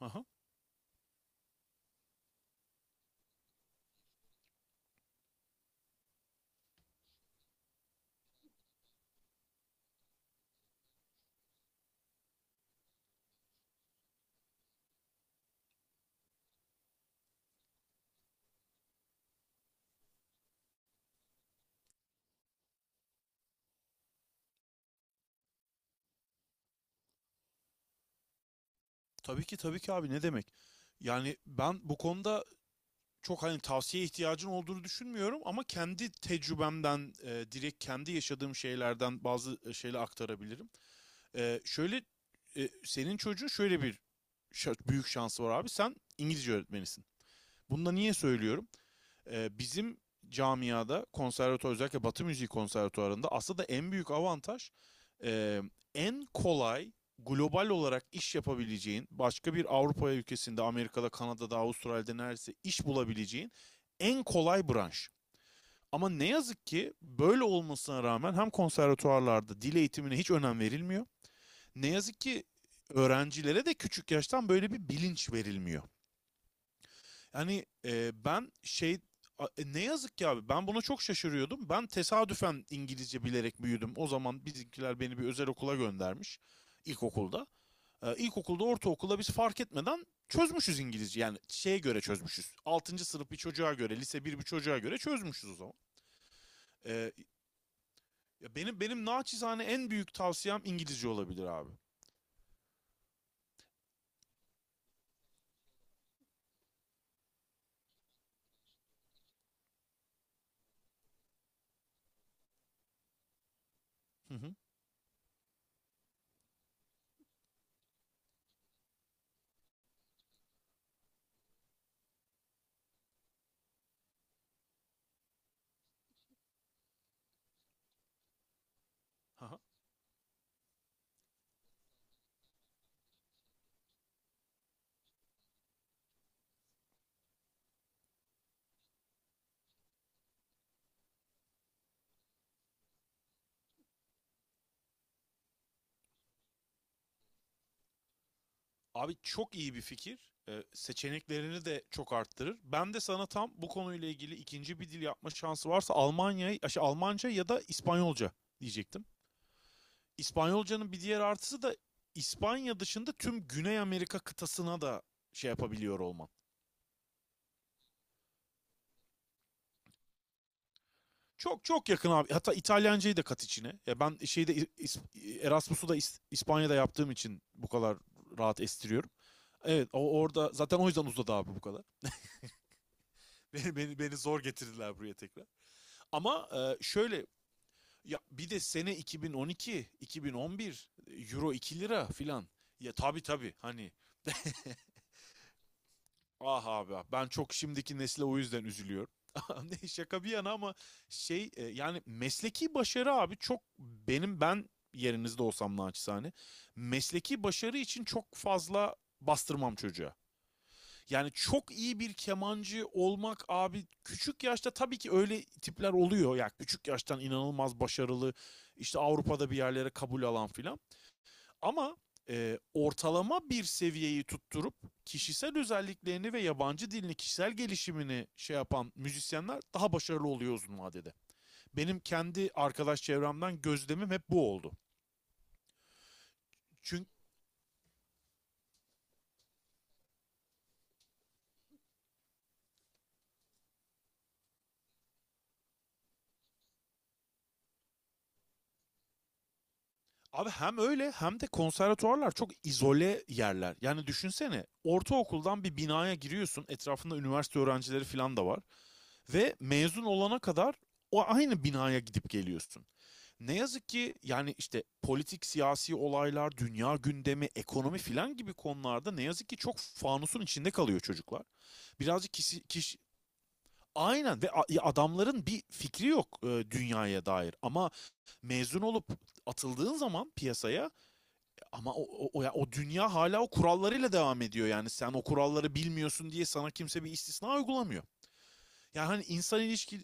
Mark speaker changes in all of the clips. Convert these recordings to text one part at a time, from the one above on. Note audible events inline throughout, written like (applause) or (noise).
Speaker 1: Aha. Tabii ki tabii ki abi ne demek? Yani ben bu konuda çok hani tavsiye ihtiyacın olduğunu düşünmüyorum ama kendi tecrübemden direkt kendi yaşadığım şeylerden bazı şeyler aktarabilirim. Şöyle senin çocuğun şöyle bir büyük şansı var abi. Sen İngilizce öğretmenisin. Bunu da niye söylüyorum? Bizim camiada konservatuar özellikle Batı müziği konservatuarında aslında en büyük avantaj, e, en kolay global olarak iş yapabileceğin, başka bir Avrupa ülkesinde, Amerika'da, Kanada'da, Avustralya'da neredeyse iş bulabileceğin en kolay branş. Ama ne yazık ki böyle olmasına rağmen hem konservatuarlarda dil eğitimine hiç önem verilmiyor. Ne yazık ki öğrencilere de küçük yaştan böyle bir bilinç verilmiyor. Hani ben şey ne yazık ki abi ben buna çok şaşırıyordum. Ben tesadüfen İngilizce bilerek büyüdüm. O zaman bizimkiler beni bir özel okula göndermiş ilkokulda. E, ilkokulda ortaokulda biz fark etmeden çözmüşüz İngilizce. Yani şeye göre çözmüşüz. Altıncı sınıf bir çocuğa göre, lise 1 bir çocuğa göre çözmüşüz o zaman. E, ya benim naçizane en büyük tavsiyem İngilizce olabilir abi. Hı hı. Aha. Abi çok iyi bir fikir. Seçeneklerini de çok arttırır. Ben de sana tam bu konuyla ilgili ikinci bir dil yapma şansı varsa Almanya'yı, şey, Almanca ya da İspanyolca diyecektim. İspanyolcanın bir diğer artısı da İspanya dışında tüm Güney Amerika kıtasına da şey yapabiliyor olman. Çok çok yakın abi. Hatta İtalyancayı da kat içine. Ya ben şeyde Erasmus'u da İspanya'da yaptığım için bu kadar rahat estiriyorum. Evet, o orada zaten o yüzden uzadı abi bu kadar. (laughs) Beni zor getirdiler buraya tekrar. Ama şöyle ya bir de sene 2012, 2011 euro 2 lira filan. Ya tabii tabii hani ah abi ah, ben çok şimdiki nesle o yüzden üzülüyorum. (laughs) Ne şaka bir yana ama şey yani mesleki başarı abi çok benim ben yerinizde olsam naçizane mesleki başarı için çok fazla bastırmam çocuğa. Yani çok iyi bir kemancı olmak abi küçük yaşta tabii ki öyle tipler oluyor. Yani küçük yaştan inanılmaz başarılı işte Avrupa'da bir yerlere kabul alan filan. Ama ortalama bir seviyeyi tutturup kişisel özelliklerini ve yabancı dilini, kişisel gelişimini şey yapan müzisyenler daha başarılı oluyor uzun vadede. Benim kendi arkadaş çevremden gözlemim hep bu oldu. Çünkü Abi hem öyle hem de konservatuvarlar çok izole yerler. Yani düşünsene ortaokuldan bir binaya giriyorsun. Etrafında üniversite öğrencileri falan da var. Ve mezun olana kadar o aynı binaya gidip geliyorsun. Ne yazık ki yani işte politik, siyasi olaylar, dünya gündemi, ekonomi filan gibi konularda ne yazık ki çok fanusun içinde kalıyor çocuklar. Birazcık kişi. Aynen, ve adamların bir fikri yok dünyaya dair. Ama mezun olup atıldığın zaman piyasaya, ama ya o dünya hala o kurallarıyla devam ediyor yani. Sen o kuralları bilmiyorsun diye sana kimse bir istisna uygulamıyor. Yani hani insan ilişki.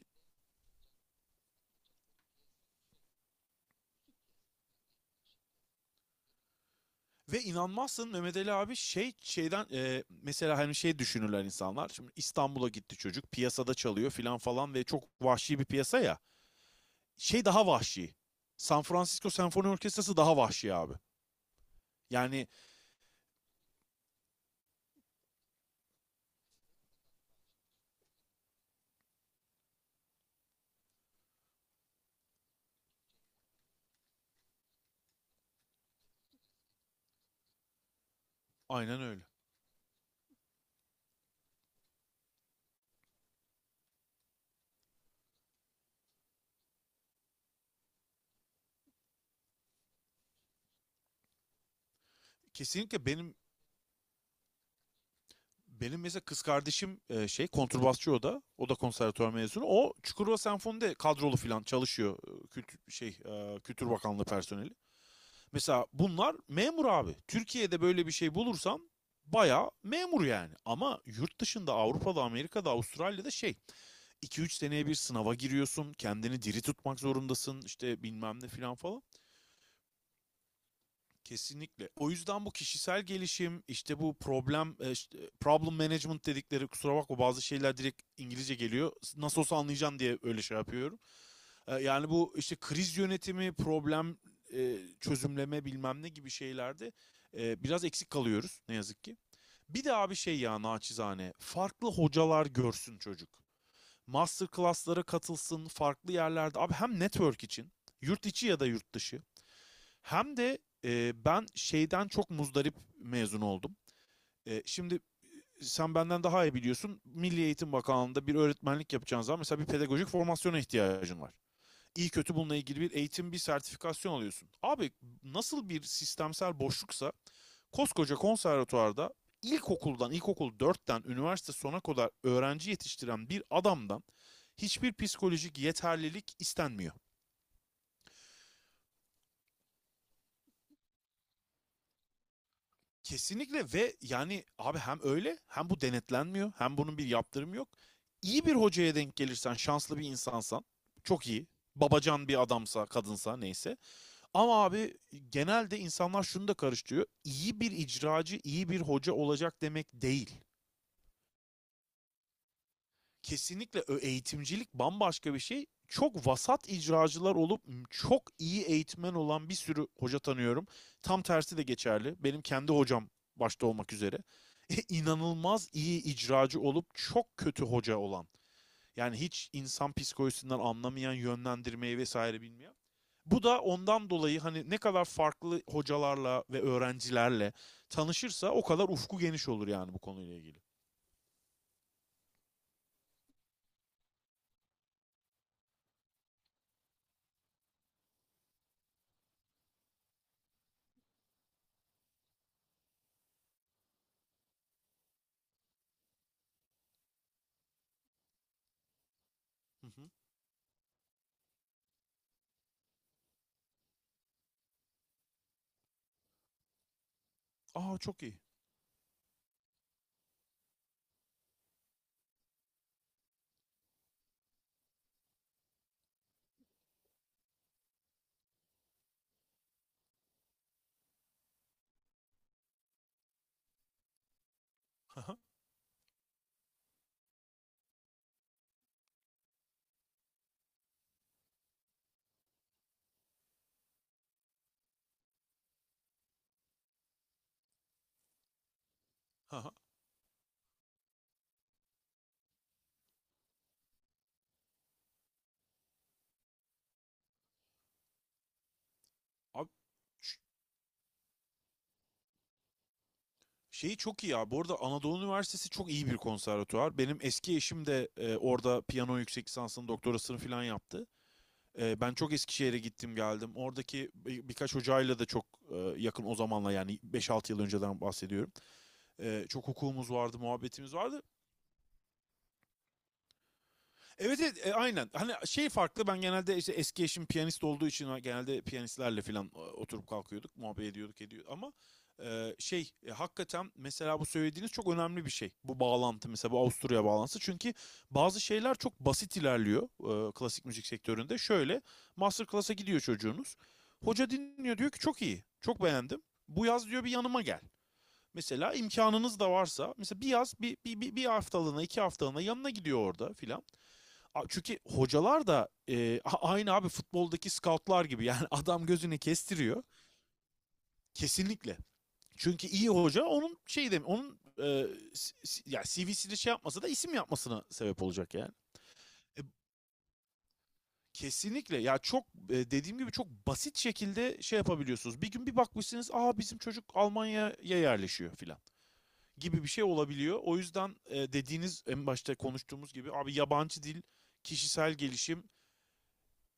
Speaker 1: Ve inanmazsın Mehmet Ali abi şey şeyden mesela hani şey düşünürler insanlar. Şimdi İstanbul'a gitti çocuk, piyasada çalıyor filan falan, ve çok vahşi bir piyasa ya. Şey daha vahşi. San Francisco Senfoni Orkestrası daha vahşi abi. Yani aynen öyle. Kesinlikle. Benim mesela kız kardeşim, şey kontrbasçı o da. O da konservatuvar mezunu. O Çukurova Senfoni'de kadrolu falan çalışıyor. Kültür, şey Kültür Bakanlığı personeli. Mesela bunlar memur abi. Türkiye'de böyle bir şey bulursan bayağı memur yani. Ama yurt dışında, Avrupa'da, Amerika'da, Avustralya'da şey, 2-3 seneye bir sınava giriyorsun. Kendini diri tutmak zorundasın. İşte bilmem ne filan falan. Kesinlikle. O yüzden bu kişisel gelişim, işte bu problem, işte problem management dedikleri, kusura bakma bazı şeyler direkt İngilizce geliyor. Nasıl olsa anlayacağım diye öyle şey yapıyorum. Yani bu işte kriz yönetimi, problem çözümleme bilmem ne gibi şeylerde biraz eksik kalıyoruz ne yazık ki. Bir de abi şey ya naçizane, farklı hocalar görsün çocuk. Master class'lara katılsın, farklı yerlerde. Abi hem network için, yurt içi ya da yurt dışı. Hem de ben şeyden çok muzdarip mezun oldum. Şimdi sen benden daha iyi biliyorsun. Milli Eğitim Bakanlığı'nda bir öğretmenlik yapacağın zaman mesela bir pedagojik formasyona ihtiyacın var. İyi kötü bununla ilgili bir eğitim, bir sertifikasyon alıyorsun. Abi nasıl bir sistemsel boşluksa koskoca konservatuvarda ilkokuldan, ilkokul dörtten üniversite sona kadar öğrenci yetiştiren bir adamdan hiçbir psikolojik yeterlilik istenmiyor. Kesinlikle, ve yani abi hem öyle hem bu denetlenmiyor hem bunun bir yaptırımı yok. İyi bir hocaya denk gelirsen, şanslı bir insansan, çok iyi. Babacan bir adamsa, kadınsa, neyse. Ama abi genelde insanlar şunu da karıştırıyor. İyi bir icracı iyi bir hoca olacak demek değil. Kesinlikle eğitimcilik bambaşka bir şey. Çok vasat icracılar olup çok iyi eğitmen olan bir sürü hoca tanıyorum. Tam tersi de geçerli. Benim kendi hocam başta olmak üzere. (laughs) inanılmaz iyi icracı olup çok kötü hoca olan. Yani hiç insan psikolojisinden anlamayan, yönlendirmeyi vesaire bilmeyen. Bu da ondan dolayı, hani ne kadar farklı hocalarla ve öğrencilerle tanışırsa o kadar ufku geniş olur yani bu konuyla ilgili. Hı hı. Aa, çok iyi. Hı hı, hı hı. Abi ş- şeyi çok iyi ya. Bu arada Anadolu Üniversitesi çok iyi bir konservatuvar. Benim eski eşim de orada piyano yüksek lisansını, doktorasını falan yaptı. Ben çok Eskişehir'e gittim geldim. Oradaki birkaç hocayla da çok yakın o zamanla, yani 5-6 yıl önceden bahsediyorum. Çok hukukumuz vardı, muhabbetimiz vardı. Evet evet, aynen. Hani şey farklı, ben genelde işte eski eşim piyanist olduğu için genelde piyanistlerle falan oturup kalkıyorduk, muhabbet ediyorduk ediyor ama şey hakikaten mesela bu söylediğiniz çok önemli bir şey. Bu bağlantı, mesela bu Avusturya bağlantısı, çünkü bazı şeyler çok basit ilerliyor klasik müzik sektöründe. Şöyle, master class'a gidiyor çocuğunuz. Hoca dinliyor, diyor ki çok iyi, çok beğendim. Bu yaz, diyor, bir yanıma gel. Mesela imkanınız da varsa mesela bir yaz bir haftalığına, iki haftalığına yanına gidiyor orada filan. Çünkü hocalar da aynı abi futboldaki scoutlar gibi (laughs) yani adam gözünü kestiriyor kesinlikle. Çünkü iyi hoca onun şey dem onun e, s- s- ya CV'sini şey yapmasa da isim yapmasına sebep olacak yani. E, kesinlikle ya, çok dediğim gibi çok basit şekilde şey yapabiliyorsunuz. Bir gün bir bakmışsınız, aa, bizim çocuk Almanya'ya yerleşiyor filan gibi bir şey olabiliyor. O yüzden dediğiniz, en başta konuştuğumuz gibi abi, yabancı dil, kişisel gelişim,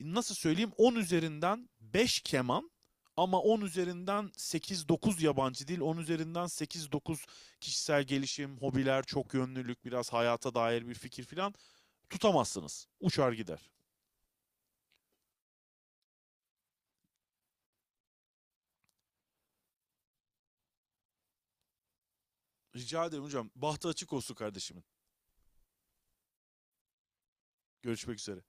Speaker 1: nasıl söyleyeyim, 10 üzerinden 5 keman ama 10 üzerinden 8-9 yabancı dil, 10 üzerinden 8-9 kişisel gelişim, hobiler, çok yönlülük, biraz hayata dair bir fikir filan, tutamazsınız. Uçar gider. Rica ederim hocam. Bahtı açık olsun kardeşimin. Görüşmek üzere.